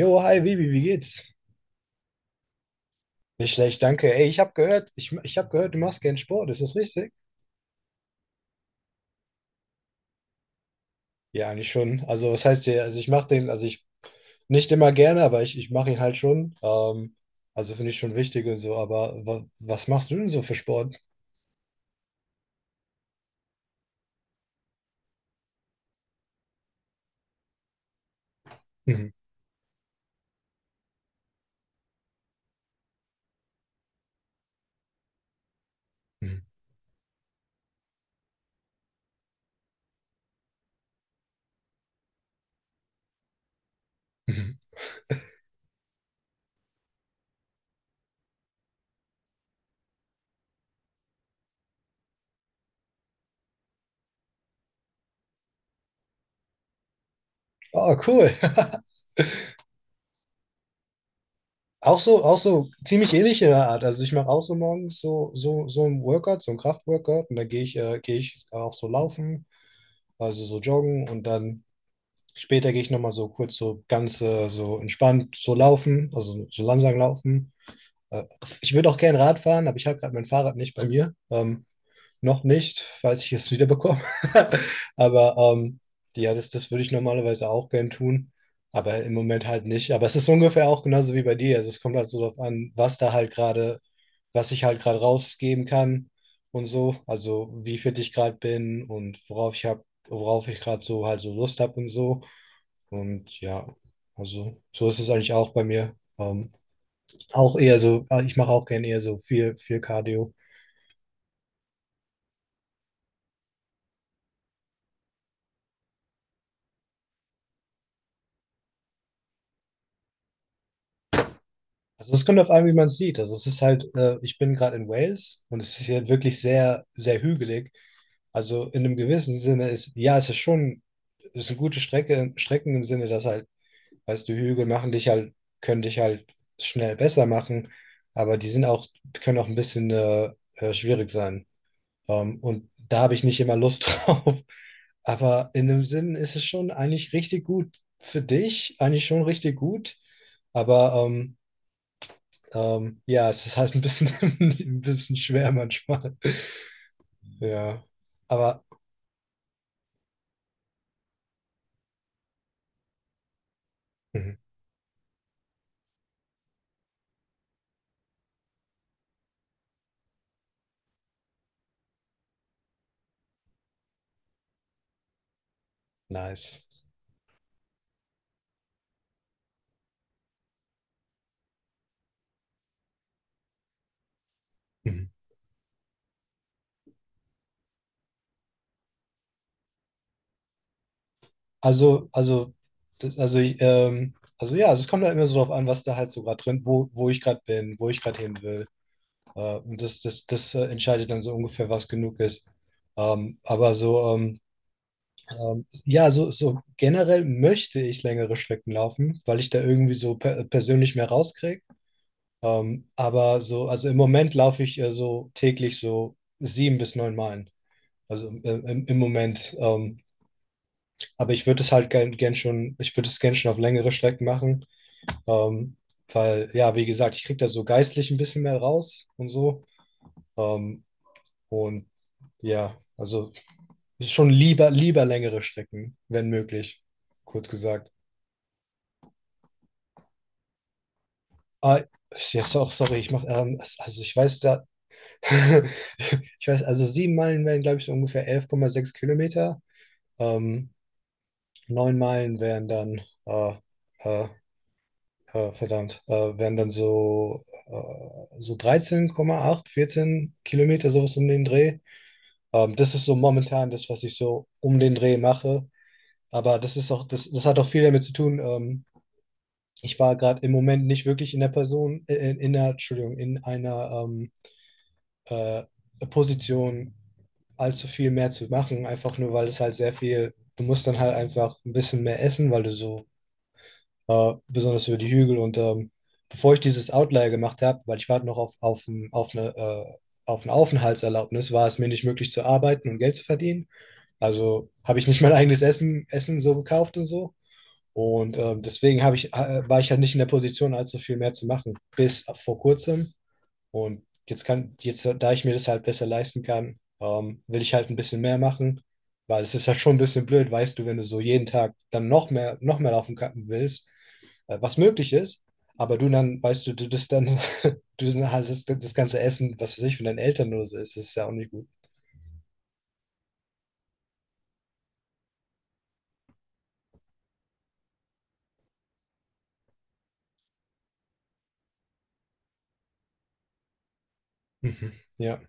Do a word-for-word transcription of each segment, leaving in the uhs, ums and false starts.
Jo, hi Vivi, wie geht's? Nicht schlecht, danke. Ey, ich habe gehört, ich, ich habe gehört, du machst gern Sport, ist das richtig? Ja, eigentlich schon. Also, was heißt ja, also ich mache den, also ich nicht immer gerne, aber ich, ich mache ihn halt schon. Ähm, also finde ich schon wichtig und so, aber wa, was machst du denn so für Sport? Mhm. Mhm. Mhm. Ah, cool. Auch so, auch so ziemlich ähnlich in der Art. Also ich mache auch so morgens so, so, so ein Workout, so ein Kraftworkout und dann gehe ich, äh, gehe ich auch so laufen, also so joggen und dann später gehe ich nochmal so kurz so ganz äh, so entspannt so laufen, also so langsam laufen. Äh, Ich würde auch gerne Rad fahren, aber ich habe gerade mein Fahrrad nicht bei mir. Ähm, noch nicht, falls ich es wieder bekomme. Aber ähm, ja, das, das würde ich normalerweise auch gern tun. Aber im Moment halt nicht. Aber es ist ungefähr auch genauso wie bei dir. Also es kommt halt so darauf an, was da halt gerade, was ich halt gerade rausgeben kann und so. Also wie fit ich gerade bin und worauf ich hab, worauf ich gerade so halt so Lust habe und so. Und ja, also so ist es eigentlich auch bei mir. Ähm, auch eher so, äh, ich mache auch gerne eher so viel, viel Cardio. Also es kommt auf an, wie man es sieht. Also es ist halt, äh, ich bin gerade in Wales und es ist hier wirklich sehr, sehr hügelig. Also in einem gewissen Sinne ist, ja, es ist schon, es ist eine gute Strecke, Strecken im Sinne, dass halt, weißt du, Hügel machen dich halt, können dich halt schnell besser machen, aber die sind auch, können auch ein bisschen äh, äh, schwierig sein. Ähm, und da habe ich nicht immer Lust drauf. Aber in dem Sinn ist es schon eigentlich richtig gut für dich, eigentlich schon richtig gut. Aber ähm, ähm, ja, es ist halt ein bisschen, ein bisschen schwer manchmal. Ja, aber mhm, nice. Mhm. Also, also, das- also, ich, ähm, also ja, also es kommt halt immer so drauf an, was da halt so gerade drin, wo, wo ich gerade bin, wo ich gerade hin will. Äh, und das, das, das äh, entscheidet dann so ungefähr, was genug ist. Ähm, aber so, ähm, Ähm, ja, so, so generell möchte ich längere Strecken laufen, weil ich da irgendwie so per persönlich mehr rauskriege. Ähm, aber so, also im Moment laufe ich äh, so täglich so sieben bis neun Meilen. Also äh, im, im Moment. Ähm, aber ich würde es halt gern, gern schon, ich würde es gern schon auf längere Strecken machen. Ähm, Weil, ja, wie gesagt, ich kriege da so geistlich ein bisschen mehr raus und so. Ähm, und ja, also schon lieber, lieber längere Strecken, wenn möglich, kurz gesagt. Ah, ich- jetzt auch, Sorry, ich mache, ähm, es- also ich weiß da, ich weiß, also sieben Meilen wären, glaube ich, so ungefähr elf Komma sechs Kilometer. Ähm, Neun Meilen wären dann, äh, äh, äh, verdammt, äh, wären dann so, äh, so dreizehn Komma acht vierzehn Kilometer, sowas um den Dreh. Ähm, das ist so momentan das, was ich so um den Dreh mache. Aber das ist auch, das, das hat auch viel damit zu tun. Ähm, ich war gerade im Moment nicht wirklich in der Person, äh, in, in der, Entschuldigung, in einer, ähm, äh, Position allzu viel mehr zu machen, einfach nur weil es halt sehr viel, du musst dann halt einfach ein bisschen mehr essen, weil du so, äh, besonders über die Hügel und ähm, bevor ich dieses Outlier gemacht habe, weil ich warte noch auf, auf, ein- auf eine äh, auf eine Aufenthaltserlaubnis war es mir nicht möglich zu arbeiten und Geld zu verdienen. Also habe ich nicht mein eigenes Essen, Essen so gekauft und so. Und äh, deswegen habe ich, äh, war ich halt nicht in der Position, allzu viel mehr zu machen. Bis vor kurzem, und jetzt kann, jetzt, da ich mir das halt besser leisten kann, ähm, will ich halt ein bisschen mehr machen, weil es ist halt schon ein bisschen blöd, weißt du, wenn du so jeden Tag dann noch mehr, noch mehr laufen kann- willst, äh, was möglich ist, aber du dann, weißt du, du das dann, du dann halt das, das ganze Essen, was für sich von deinen Eltern oder so ist, das ist ja auch nicht gut. Mhm. Ja.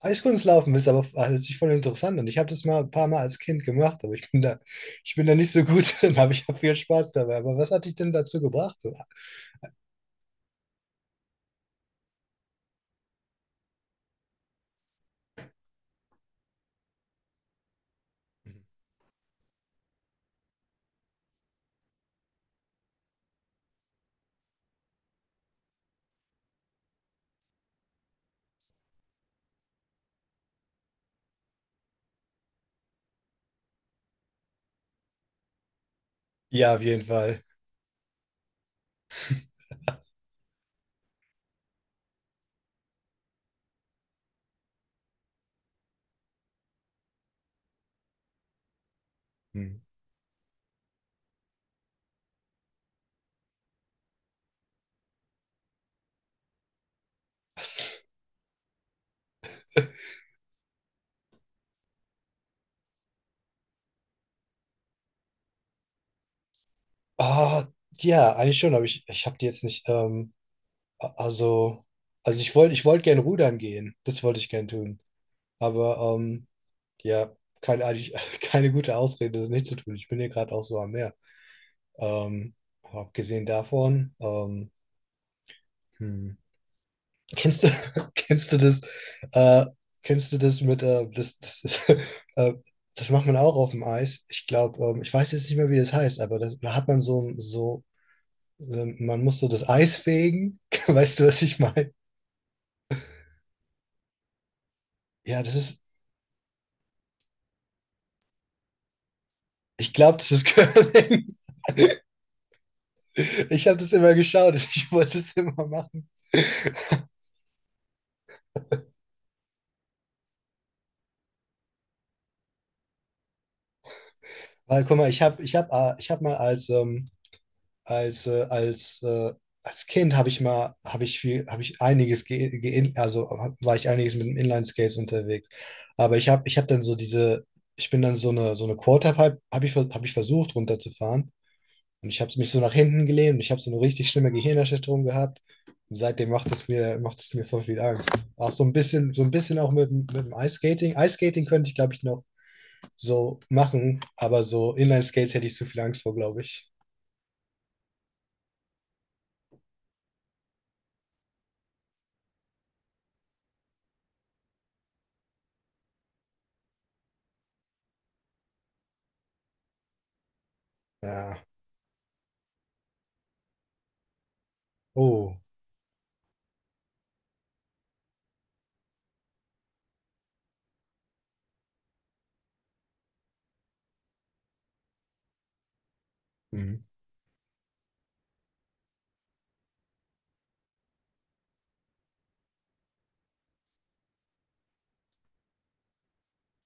Eiskunstlaufen ist aber also, hört sich voll interessant an. Ich habe das mal ein paar Mal als Kind gemacht, aber ich bin da, ich bin da nicht so gut drin, aber ich habe viel Spaß dabei. Aber was hat dich denn dazu gebracht? So? Ja, auf jeden Fall. Hm. Ah, ja, eigentlich schon, aber ich, ich habe die jetzt nicht, ähm, a- also, also ich wollte, ich wollte gern rudern gehen. Das wollte ich gern tun. Aber ähm, ja, keine, eigentlich, keine gute Ausrede, das nicht zu tun. Ich bin hier gerade auch so am Meer. Ähm, aber abgesehen davon, ähm, hm. Kennst du, kennst du das, äh, kennst du das mit, äh, das, das ist, äh, das macht man auch auf dem Eis. Ich glaube, ähm, ich weiß jetzt nicht mehr, wie das heißt, aber das, da hat man so, so äh, man muss so das Eis fegen. Weißt du, was ich meine? Ja, das ist, ich glaube, das ist Curling. Ich habe das immer geschaut. Ich wollte es immer machen. Weil, guck mal, ich habe ich hab, äh, ich hab mal als, ähm, als, äh, als, äh, als Kind habe ich mal, habe ich viel, habe ich einiges, ge ge also hab- war ich einiges mit dem Inline-Skates unterwegs. Aber ich habe ich hab dann so diese, ich bin dann so eine, so eine Quarterpipe, habe ich, ver- hab ich versucht runterzufahren. Und ich habe mich so nach hinten gelehnt und ich habe so eine richtig schlimme Gehirnerschütterung gehabt. Und seitdem macht es mir, macht es mir voll viel Angst. Auch so ein bisschen, so ein bisschen auch mit, dem- mit dem Ice Skating. Ice Skating könnte ich, glaube ich, noch so machen, aber so Inline Skates hätte ich zu viel Angst vor, glaube ich. Ja. Oh. Mhm.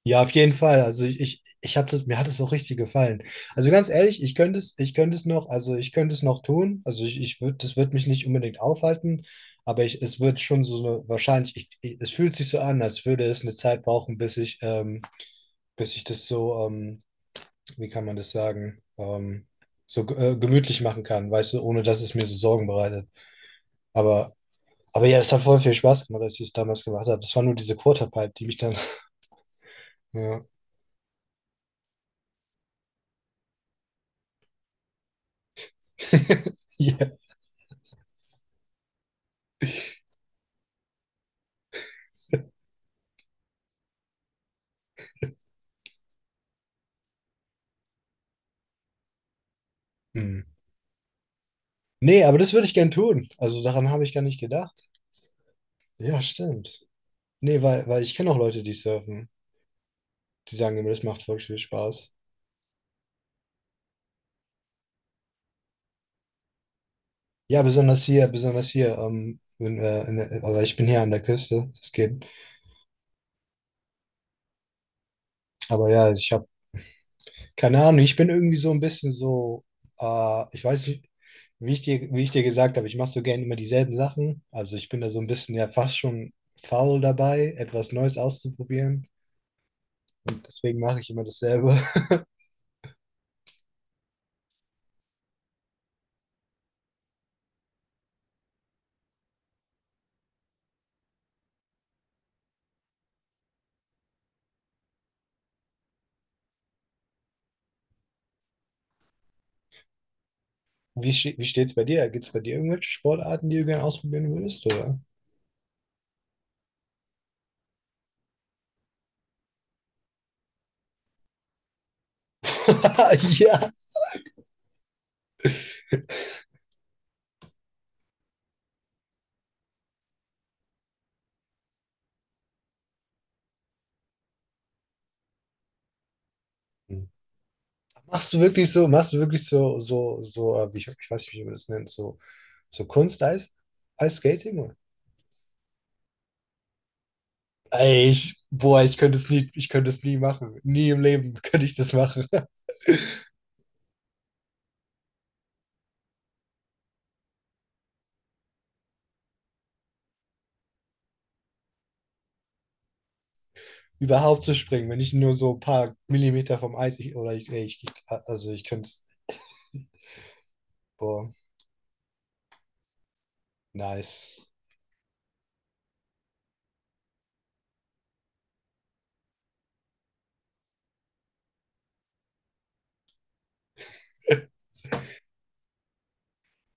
Ja, auf jeden Fall. Also ich, ich, ich habe das, mir hat es auch richtig gefallen. Also ganz ehrlich, ich könnte es, ich könnte es noch, also ich könnte es noch tun. Also ich, ich würde, das wird mich nicht unbedingt aufhalten, aber ich, es wird schon so eine, wahrscheinlich, ich, ich, es fühlt sich so an, als würde es eine Zeit brauchen, bis ich, ähm, bis ich das so, ähm, wie kann man das sagen, ähm, so ge- äh, gemütlich machen kann, weißt du, ohne dass es mir so Sorgen bereitet. Aber, aber ja, es hat voll viel Spaß gemacht, als ich es damals gemacht habe. Das war nur diese Quarterpipe, die mich dann, ja. Ja. Hm. Nee, aber das würde ich gern tun. Also daran habe ich gar nicht gedacht. Ja, stimmt. Nee, weil, weil ich kenne auch Leute, die surfen. Die sagen immer, das macht voll viel Spaß. Ja, besonders hier, besonders hier. Ähm, wenn, äh, in der, aber ich bin hier an der Küste. Das geht. Aber ja, ich habe keine Ahnung. Ich bin irgendwie so ein bisschen so. Äh, ich weiß nicht, wie ich dir, wie ich dir gesagt habe. Ich mache so gerne immer dieselben Sachen. Also ich bin da so ein bisschen ja fast schon faul dabei, etwas Neues auszuprobieren. Und deswegen mache ich immer dasselbe. Wie, ste- wie steht's bei dir? Gibt es bei dir irgendwelche Sportarten, die du gerne ausprobieren würdest, oder? Ja. Hm. Machst du wirklich so, machst du wirklich so, so, so, äh, wie ich, ich weiß nicht, wie man das nennt, so, so Kunst-Eis, Eisskating? Oder? Ey, ich, boah, ich könnte es nie, ich könnte es nie machen. Nie im Leben könnte ich das machen. Überhaupt zu springen, wenn ich nur so ein paar Millimeter vom Eis, ich, oder ich, ey, ich, ich, also ich könnte es, boah, nice.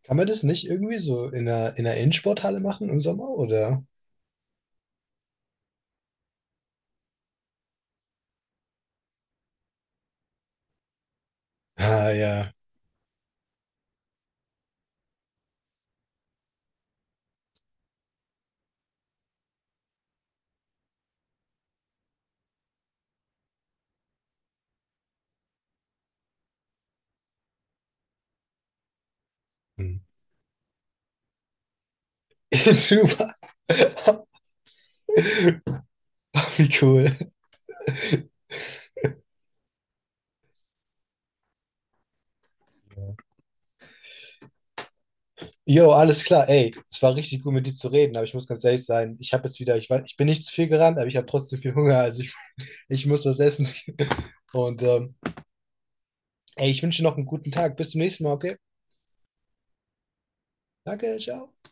Kann man das nicht irgendwie so in einer, in einer Innensporthalle machen im Sommer, oder? Ah, ja. Hm. Super. Wie cool. Ja. Jo, alles klar. Ey, es war richtig gut mit dir zu reden, aber ich muss ganz ehrlich sein, ich habe jetzt wieder, ich weiß, ich bin nicht zu viel gerannt, aber ich habe trotzdem viel Hunger, also ich, ich muss was essen. Und ähm, ey, ich wünsche dir noch einen guten Tag. Bis zum nächsten Mal, okay? Danke, ciao.